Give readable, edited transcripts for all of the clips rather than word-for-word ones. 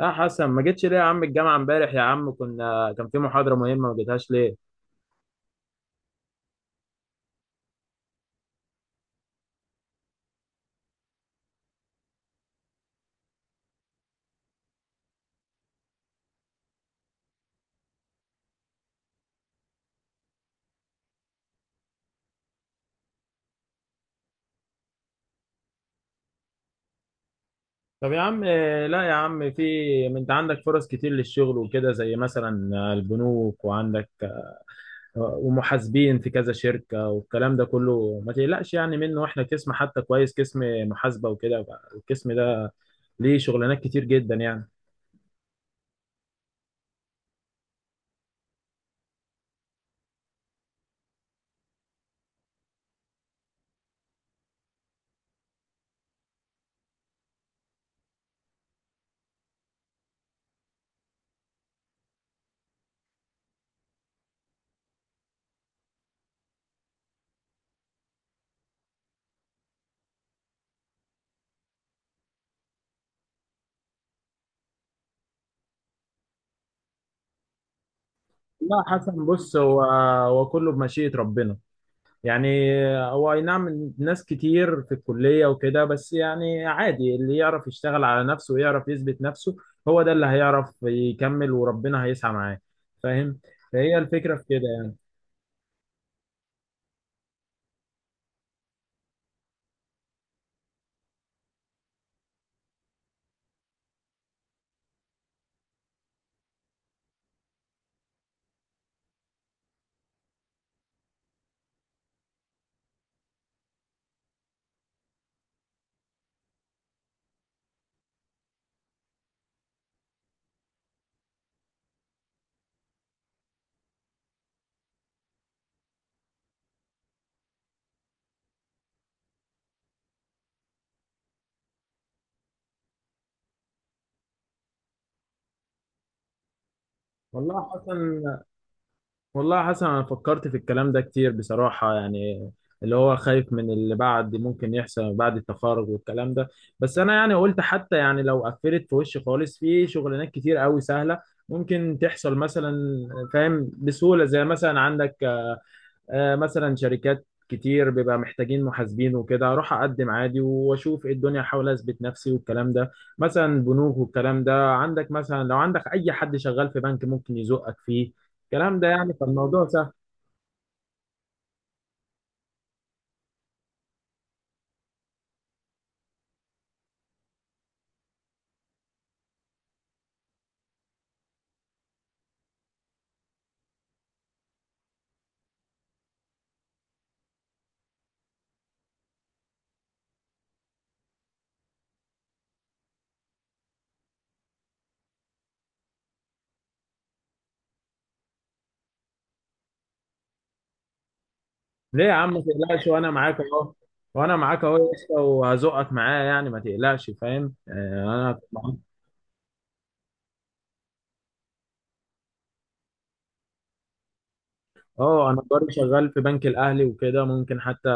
يا حسن، ما جيتش ليه يا عم؟ الجامعة امبارح يا عم كان في محاضرة مهمة، ما جيتهاش ليه؟ طب يا عم، لا يا عم، في. ما انت عندك فرص كتير للشغل وكده، زي مثلا البنوك، وعندك ومحاسبين في كذا شركة والكلام ده كله. ما تقلقش يعني منه، واحنا قسم حتى كويس، قسم محاسبة وكده. القسم ده ليه شغلانات كتير جدا يعني. لا حسن، بص، هو كله بمشيئة ربنا يعني. هو اي نعم، ناس كتير في الكلية وكده، بس يعني عادي. اللي يعرف يشتغل على نفسه ويعرف يثبت نفسه، هو ده اللي هيعرف يكمل، وربنا هيسعى معاه. فاهم؟ فهي الفكرة في كده يعني. والله حسن. والله يا حسن، انا فكرت في الكلام ده كتير بصراحة يعني، اللي هو خايف من اللي بعد، ممكن يحصل بعد التخرج والكلام ده. بس انا يعني قلت، حتى يعني لو قفلت في وشي خالص، في شغلانات كتير قوي سهلة ممكن تحصل مثلا، فاهم؟ بسهولة، زي مثلا عندك مثلا شركات كتير بيبقى محتاجين محاسبين وكده، اروح اقدم عادي واشوف ايه الدنيا، احاول اثبت نفسي والكلام ده. مثلا بنوك والكلام ده، عندك مثلا لو عندك اي حد شغال في بنك ممكن يزقك فيه، الكلام ده يعني. فالموضوع سهل. ليه يا عم؟ ما تقلقش، وانا معاك اهو يا اسطى، وهزقك معايا يعني، ما تقلقش، فاهم؟ انا جاري شغال في بنك الاهلي وكده، ممكن حتى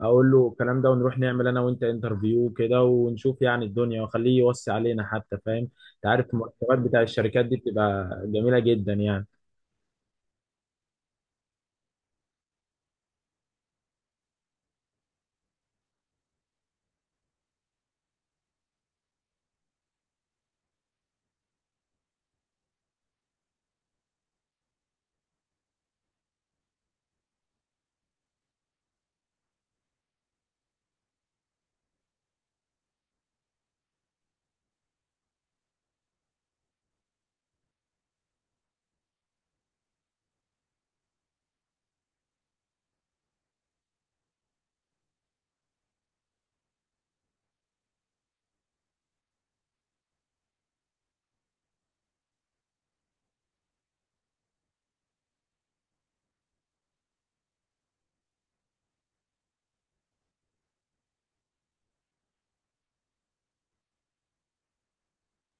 اقول له الكلام ده، ونروح نعمل انا وانت انترفيو كده، ونشوف يعني الدنيا، واخليه يوصي علينا حتى، فاهم؟ انت عارف المرتبات بتاع الشركات دي بتبقى جميلة جدا يعني.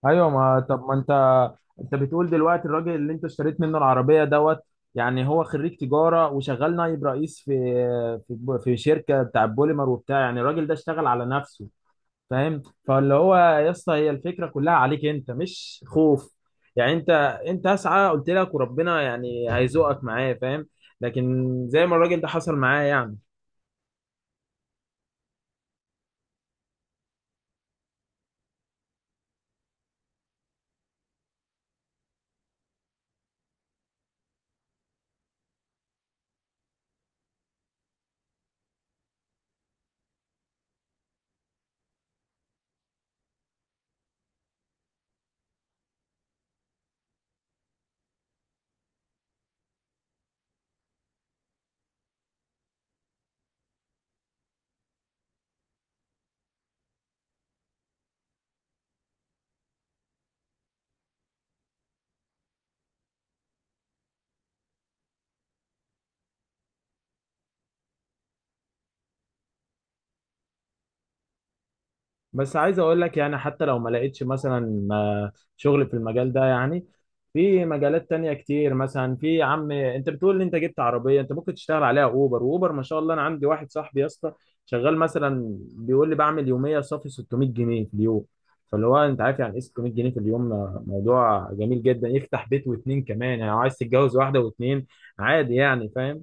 ايوه، ما طب ما انت، انت بتقول دلوقتي الراجل اللي انت اشتريت منه العربية دوت، يعني هو خريج تجارة وشغال نائب رئيس في شركة بتاع بوليمر وبتاع، يعني الراجل ده اشتغل على نفسه، فاهم؟ فاللي هو يا اسطى، هي الفكره كلها عليك انت، مش خوف يعني. انت اسعى، قلت لك، وربنا يعني هيزوقك معايا، فاهم؟ لكن زي ما الراجل ده حصل معايا يعني. بس عايز اقول لك يعني، حتى لو ما لقيتش مثلا شغل في المجال ده يعني، في مجالات تانية كتير. مثلا في يا عم، انت بتقول ان انت جبت عربية، انت ممكن تشتغل عليها اوبر. واوبر ما شاء الله، انا عندي واحد صاحبي يا اسطى شغال، مثلا بيقول لي بعمل يومية صافي 600 جنيه في اليوم. فاللي هو انت عارف يعني ايه 600 جنيه في اليوم؟ موضوع جميل جدا، يفتح بيت واتنين كمان، يعني لو عايز تتجوز واحدة واتنين عادي يعني، فاهم؟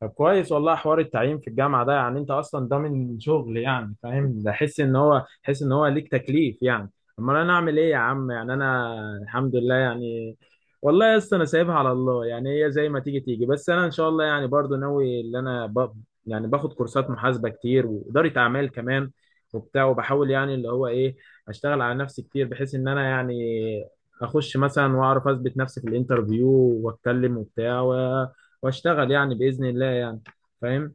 طب كويس، والله حوار التعيين في الجامعة ده يعني انت اصلا ضامن شغل يعني، فاهم؟ ده حس ان هو ليك تكليف يعني. امال انا اعمل ايه يا عم يعني؟ انا الحمد لله يعني. والله يا اسطى، انا سايبها على الله يعني، هي زي ما تيجي تيجي، بس انا ان شاء الله يعني برضو ناوي ان انا يعني باخد كورسات محاسبة كتير، وإدارة اعمال كمان، وبتاع، وبحاول يعني اللي هو ايه، اشتغل على نفسي كتير بحيث ان انا يعني اخش مثلا واعرف اثبت نفسي في الانترفيو، واتكلم وبتاع، واشتغل يعني باذن الله يعني، فاهم؟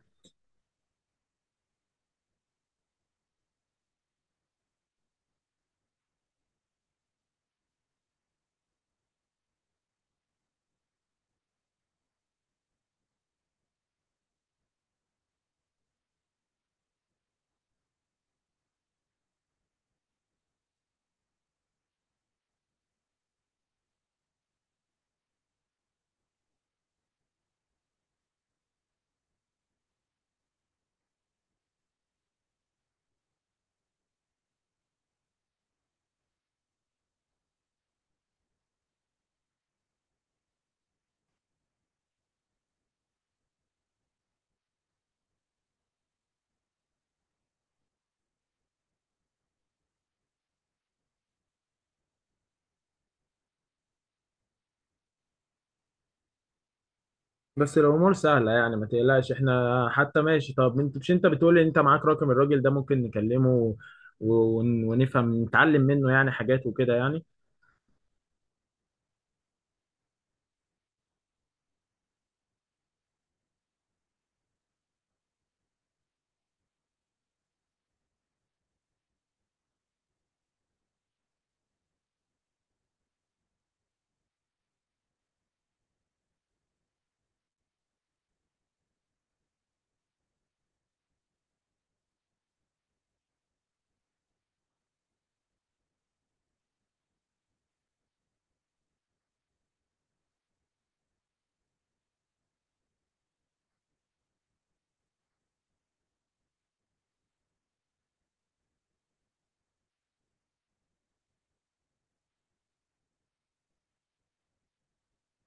بس الامور سهله يعني، ما تقلقش، احنا حتى ماشي. طب انت، مش انت بتقول ان انت معاك رقم الراجل ده؟ ممكن نكلمه ونفهم نتعلم منه يعني حاجات وكده يعني.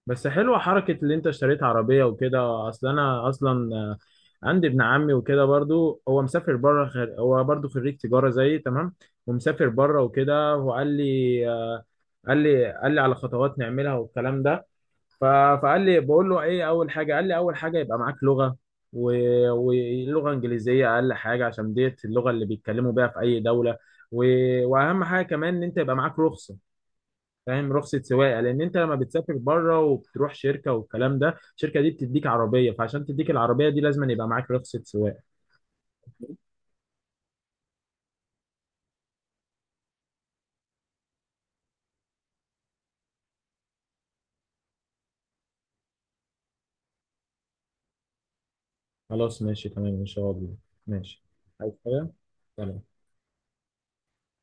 بس حلوه حركه اللي انت اشتريت عربيه وكده. اصل انا اصلا عندي ابن عمي وكده برضو، هو مسافر بره، هو برضو خريج تجاره زيي تمام، ومسافر بره وكده. وقال لي قال لي على خطوات نعملها والكلام ده. ف- فقال لي، بقول له ايه اول حاجه؟ قال لي اول حاجه يبقى معاك لغه، ولغه انجليزيه اقل حاجه، عشان ديت اللغه اللي بيتكلموا بيها في اي دوله. واهم حاجه كمان ان انت يبقى معاك رخصه، فاهم؟ رخصه سواقه، لان انت لما بتسافر بره وبتروح شركه والكلام ده، الشركه دي بتديك عربيه، فعشان تديك العربيه دي لازم يبقى معاك رخصه سواقه. خلاص، ماشي، تمام ان شاء الله. ماشي. عايز حاجه؟ سلام.